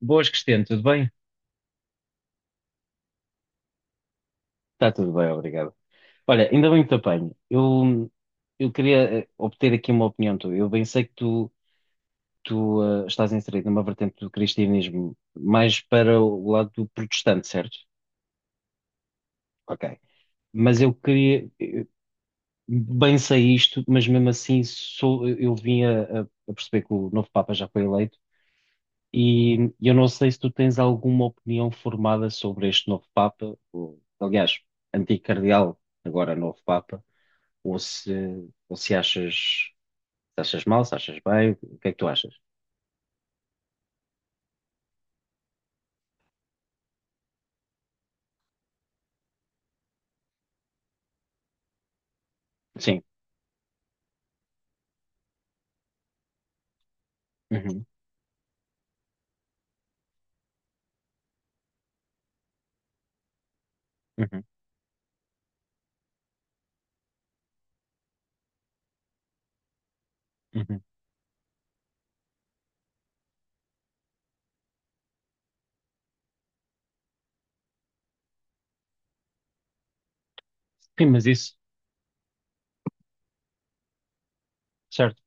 Boas, Cristiano, tudo bem? Está tudo bem, obrigado. Olha, ainda bem que te apanho. Eu queria obter aqui uma opinião tua. Eu bem sei que tu estás inserido numa vertente do cristianismo mais para o lado do protestante, certo? Ok. Mas eu queria, bem sei isto, mas mesmo assim sou, eu vim a perceber que o novo Papa já foi eleito e eu não sei se tu tens alguma opinião formada sobre este novo Papa, ou, aliás, antigo cardeal, agora novo Papa. Ou se, ou se achas, se achas mal, se achas bem, o que é que tu achas? Sim. Uhum, uhum, uhum. Sim, mas isso, certo.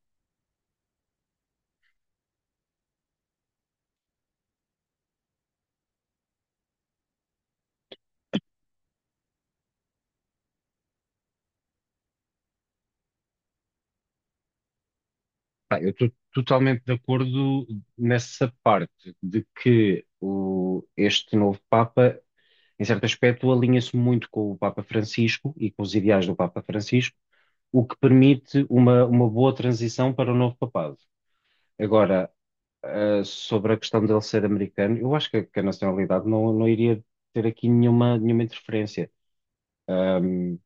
Pá, eu estou totalmente de acordo nessa parte de que o, este novo Papa, em certo aspecto, alinha-se muito com o Papa Francisco e com os ideais do Papa Francisco, o que permite uma boa transição para o novo papado. Agora, sobre a questão dele ser americano, eu acho que a nacionalidade não, não iria ter aqui nenhuma, nenhuma interferência. Um,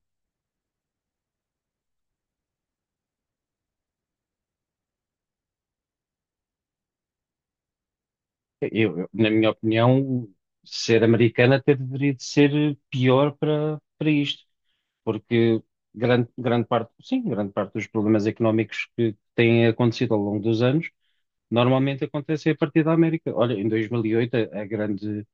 eu, na minha opinião, ser americano até deveria de ser pior para, para isto, porque grande, grande parte, sim, grande parte dos problemas económicos que têm acontecido ao longo dos anos normalmente acontecem a partir da América. Olha, em 2008,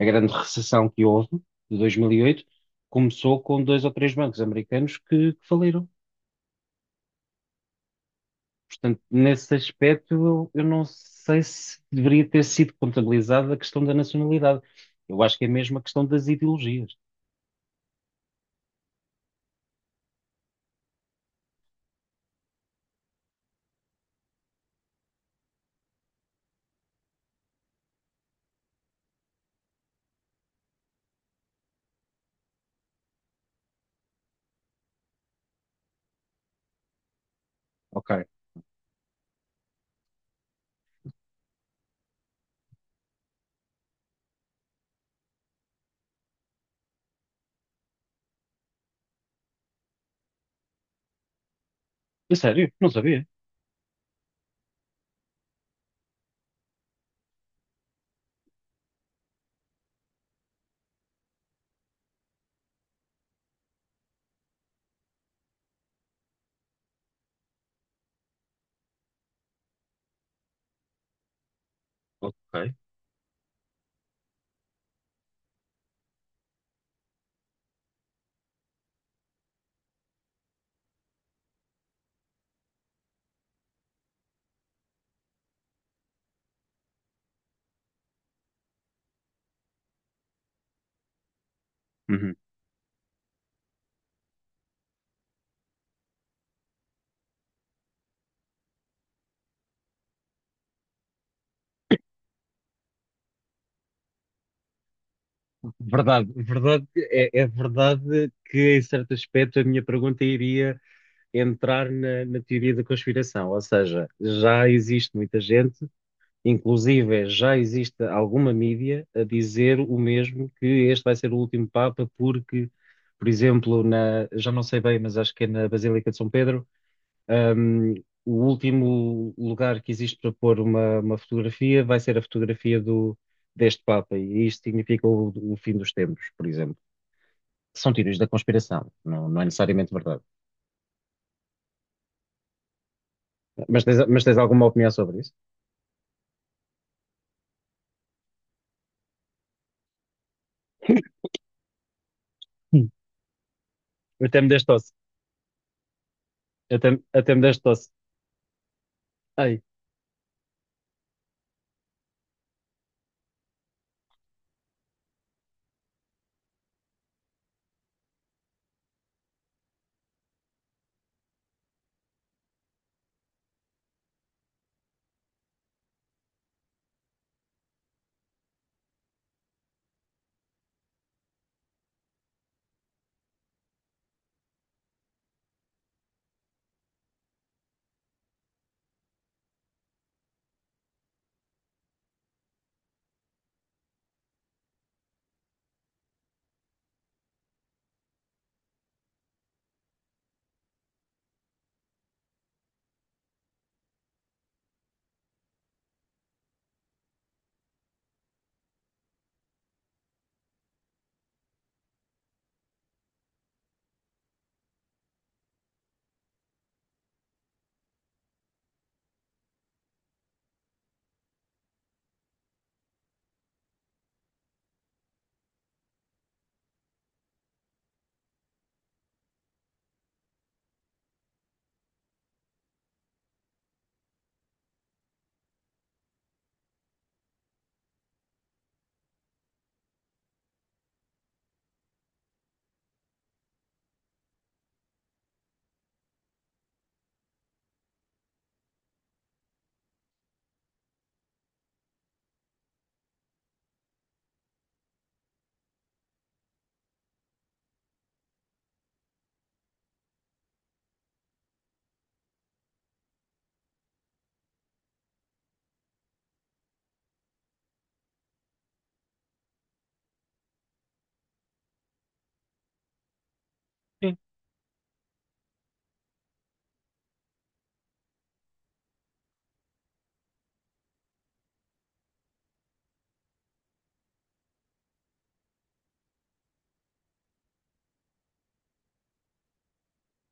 a grande recessão que houve, de 2008, começou com dois ou três bancos americanos que faliram. Portanto, nesse aspecto, eu não sei se deveria ter sido contabilizada a questão da nacionalidade. Eu acho que é mesmo a questão das ideologias. Ok. É sério? Não sabia. Ok. Uhum. Verdade, verdade, é, é verdade que em certo aspecto a minha pergunta iria entrar na, na teoria da conspiração, ou seja, já existe muita gente. Inclusive, já existe alguma mídia a dizer o mesmo, que este vai ser o último Papa, porque, por exemplo, na, já não sei bem, mas acho que é na Basílica de São Pedro, hum, o último lugar que existe para pôr uma fotografia vai ser a fotografia do, deste Papa, e isto significa o fim dos tempos, por exemplo. São teorias da conspiração, não, não é necessariamente verdade. Mas tens alguma opinião sobre isso? Hum. Até me deste tosse. Até, até me deste tosse. Ai.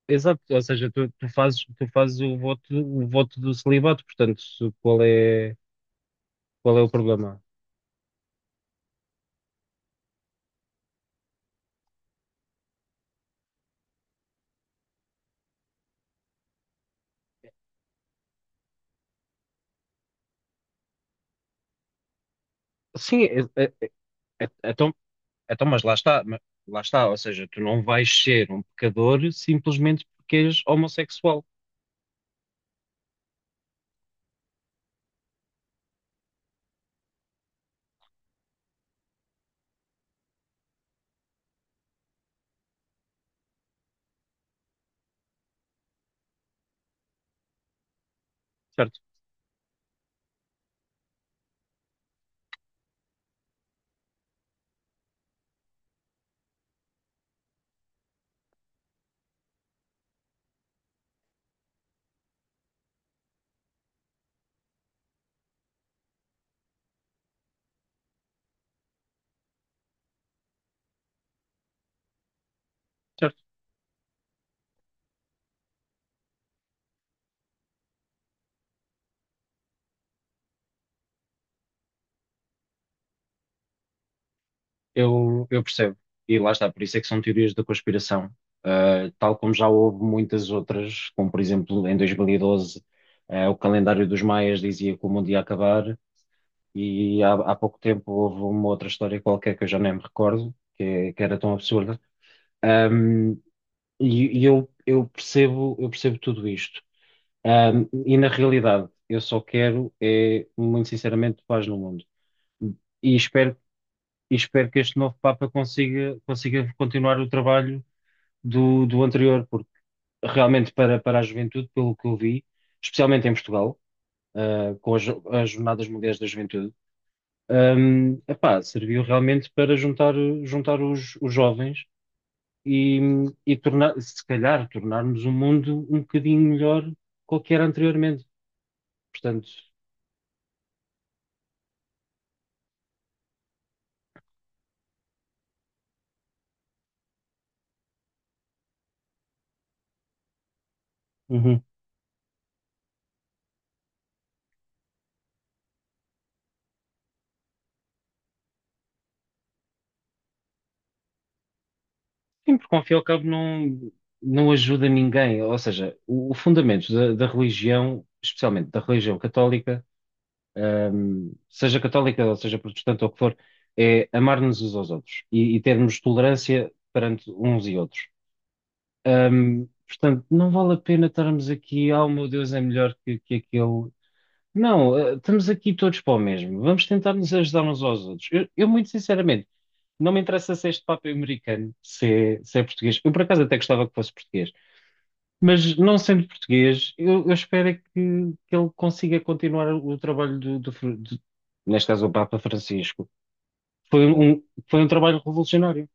Exato, ou seja, tu, tu fazes o voto do celibato, portanto, se- qual é o problema? Sim, é- é- é- então, então, mas lá está, ou seja, tu não vais ser um pecador simplesmente porque és homossexual, certo? Certo. Eu percebo. E lá está, por isso é que são teorias da conspiração. Ah, tal como já houve muitas outras, como por exemplo em 2012, ah, o calendário dos maias dizia que o mundo ia acabar. E há, há pouco tempo houve uma outra história qualquer que eu já nem me recordo, que, é- que era tão absurda. Ahm, e eu percebo, eu percebo tudo isto. E na realidade, eu só quero, é, muito sinceramente, paz no mundo. E espero, e espero que este novo Papa consiga, consiga continuar o trabalho do, do anterior, porque realmente para, para a juventude, pelo que eu vi, especialmente em Portugal, ah, com as, as Jornadas Mundiais da Juventude. Epá, serviu realmente para juntar, juntar os jovens e, e tornar, se calhar tornarmos o mundo um bocadinho melhor do que era anteriormente. Portanto, uhum. Sim, porque ao fim e ao cabo não, não ajuda ninguém. Ou seja, o fundamento da, da religião, especialmente da religião católica, seja católica ou seja protestante ou o que for, é amar-nos uns aos outros e termos tolerância perante uns e outros. Portanto, não vale a pena estarmos aqui, oh meu Deus, é melhor que aquele. Não, estamos aqui todos para o mesmo. Vamos tentar nos ajudar uns aos outros. Eu, muito sinceramente, não me interessa se este Papa é americano, se é, se é português. Eu, por acaso, até gostava que fosse português. Mas, não sendo português, eu espero é que ele consiga continuar o trabalho do, do Fr- do- neste caso, o Papa Francisco. Foi um, foi um trabalho revolucionário.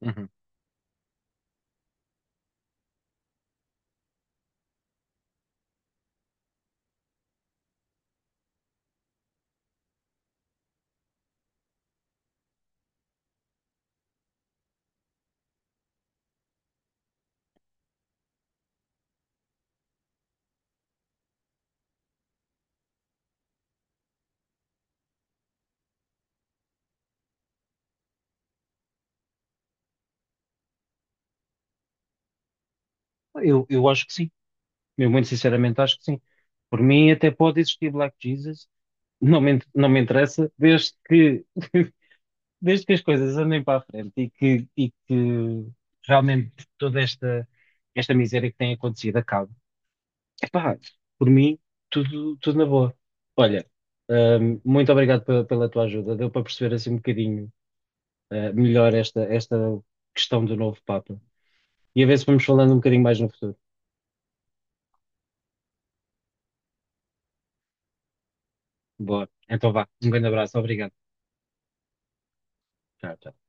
Uhum. Eu acho que sim. Eu muito sinceramente acho que sim. Por mim até pode existir Black Jesus, não me, in- não me interessa, desde que, desde que as coisas andem para a frente e que realmente toda esta, esta miséria que tem acontecido acabe. Epá, por mim, tudo, tudo na boa. Olha, muito obrigado pe- pela, tua ajuda, deu para perceber assim um bocadinho, eh, melhor esta, esta questão do novo Papa. E a ver se vamos falando um bocadinho mais no futuro. Boa, então vá, um grande abraço, obrigado. Tchau, tchau.